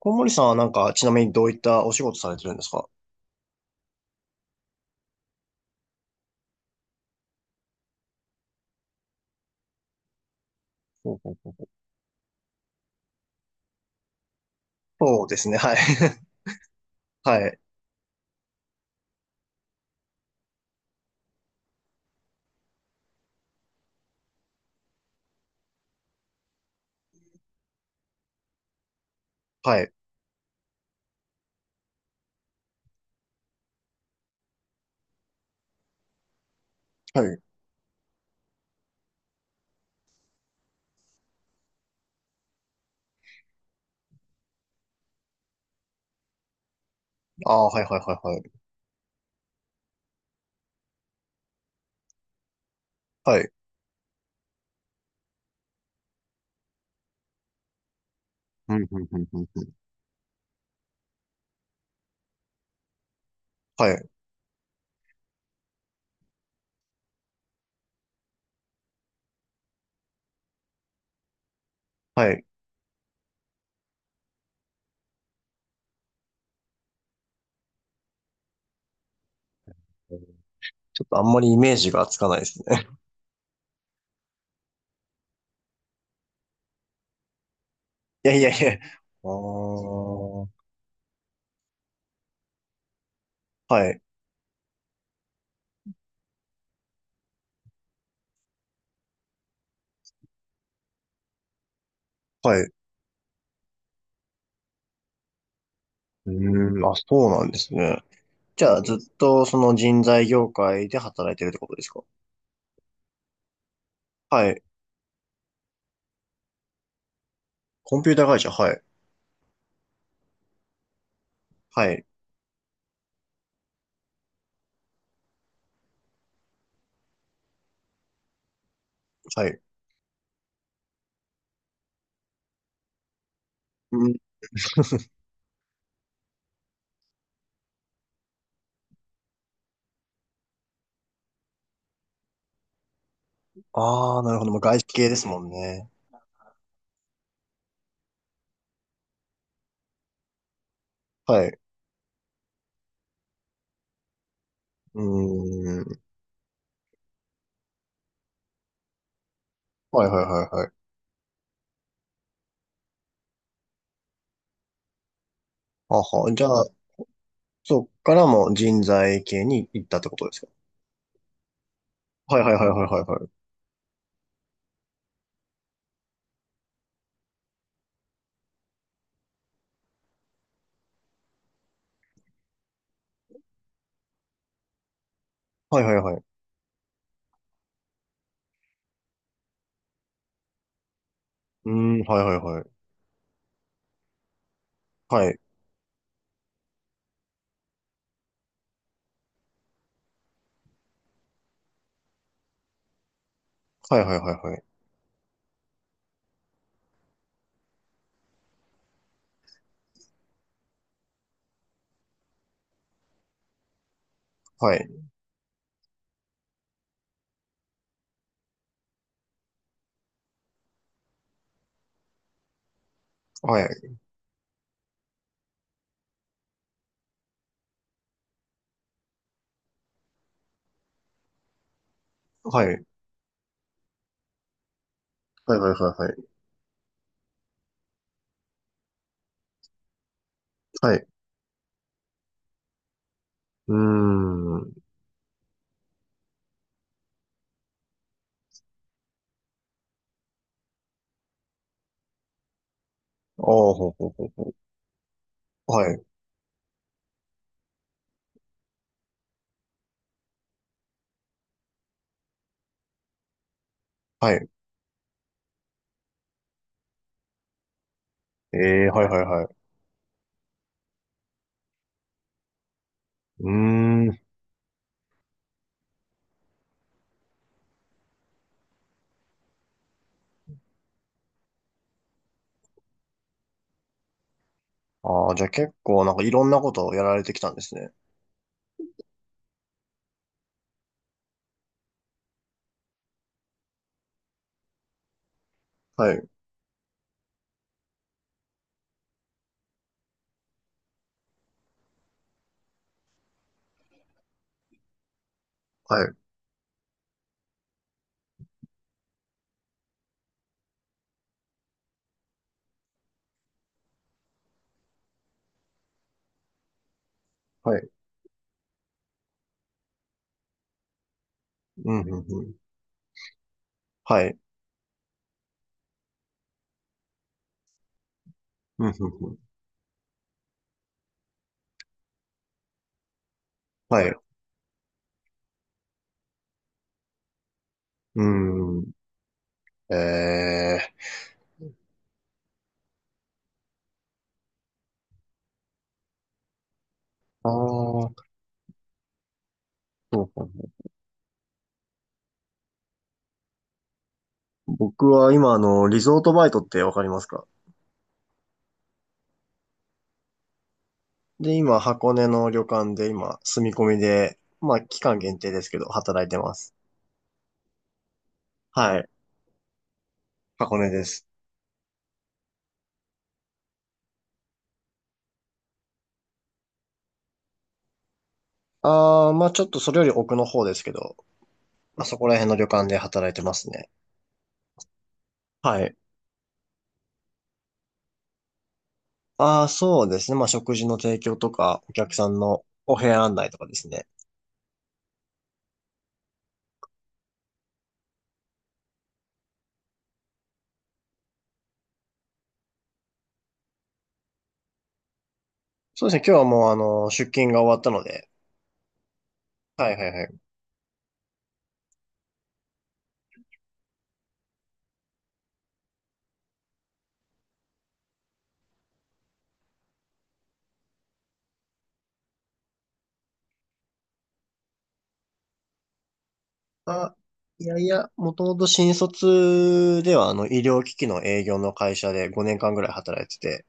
小森さんはなんか、ちなみにどういったお仕事されてるんですか？ほうほうほう。そうですね、はい。はい、はい、はい。ああ、はい、はい、はい、はい。はい、うんうんうんうんうん、はい、はい。ちょっとあんまりイメージがつかないですね。いやいやいや。あ、はい、はい。うーん、あ、そうなんですね。じゃあ、ずっとその人材業界で働いてるってことですか？はい。コンピューター会社、はい、はい、はい。うん。ああ、なるほど。もう外資系ですもんね。はい。うーん。はいはいはいはい。あは、じゃあ、そっからもう人材系に行ったってことですか？はいはいはいはいはいはい。はいはいはい。うーん、はいはいはい。はい。はいはいはいはい。はい。はい。はい。はいはいはいはい。はい。うーん。ああ、ほうほうほうほう。はい。はい。ええ、はいはいはい。うーん。ああ、じゃあ結構なんかいろんなことをやられてきたんですね。はい。はい。はい。うん、うん、うん。はい。うん、うん、うん。はい。うーん。ええ。ああ、そうか。僕は今、リゾートバイトってわかりますか？で、今、箱根の旅館で今、住み込みで、まあ、期間限定ですけど、働いてます。はい。箱根です。あー、まあ、ちょっとそれより奥の方ですけど、まあ、そこら辺の旅館で働いてますね。はい。あー、そうですね。まあ、食事の提供とか、お客さんのお部屋案内とかですね。そうですね。今日はもう、出勤が終わったので、はいはいはい。あ、いやいや、もともと新卒ではあの医療機器の営業の会社で5年間ぐらい働いてて、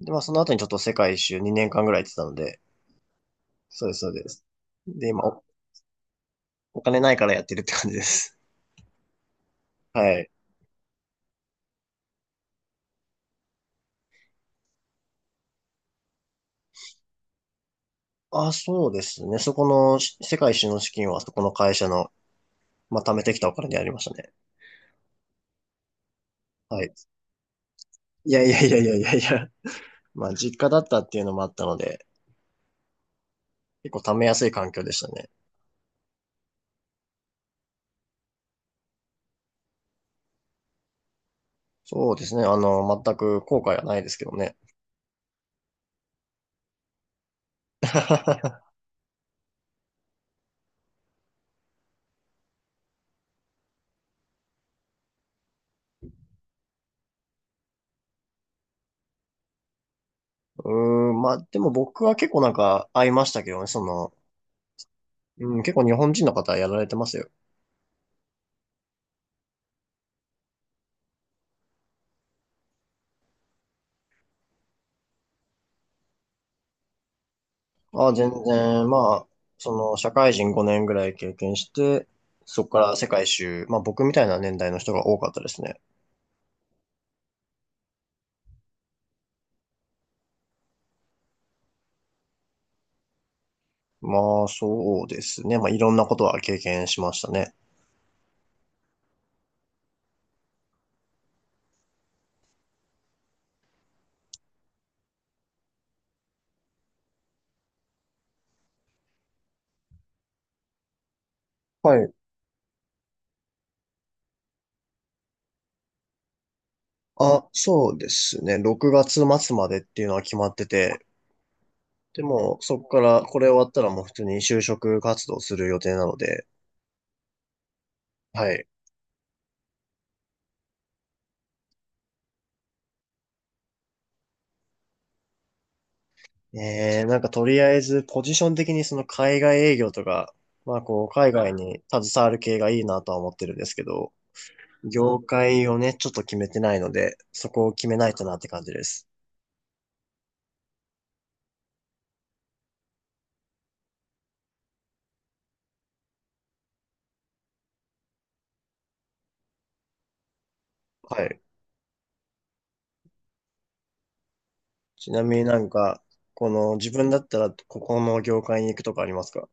で、まあその後にちょっと世界一周2年間ぐらい行ってたので、そうです、そうです。で、お金ないからやってるって感じです。はい。あ、そうですね。そこのし世界一周の資金はそこの会社の、まあ貯めてきたお金でありましたね。はい。いやいやいやいやいやいや。まあ実家だったっていうのもあったので、結構貯めやすい環境でしたね。そうですね。全く後悔はないですけどね。うーん、まあ、でも僕は結構なんか会いましたけどね、その、うん、結構日本人の方やられてますよ。ああ、全然、まあ、その、社会人5年ぐらい経験して、そこから世界一周、まあ僕みたいな年代の人が多かったですね。まあ、そうですね。まあ、いろんなことは経験しましたね。はい。あ、そうですね。6月末までっていうのは決まってて、でも、そこから、これ終わったらもう普通に就職活動する予定なので、はい。ねえ、なんかとりあえずポジション的にその海外営業とか、まあこう海外に携わる系がいいなとは思ってるんですけど、業界をね、ちょっと決めてないので、そこを決めないとなって感じです。はい。ちなみになんか、この自分だったらここの業界に行くとかありますか？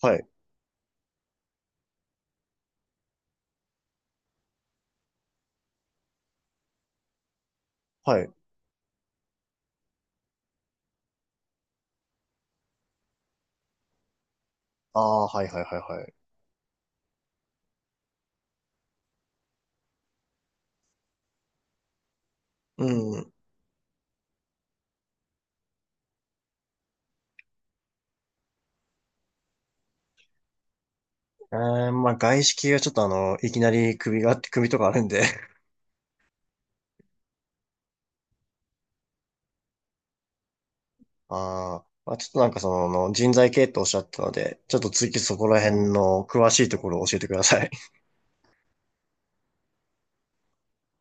はい。はい。ああ、はいはいはいはい。うん。えまあ外資系はちょっといきなり首とかあるんで、まあ、ちょっとなんかその人材系っておっしゃってたので、ちょっと次そこら辺の詳しいところを教えてください。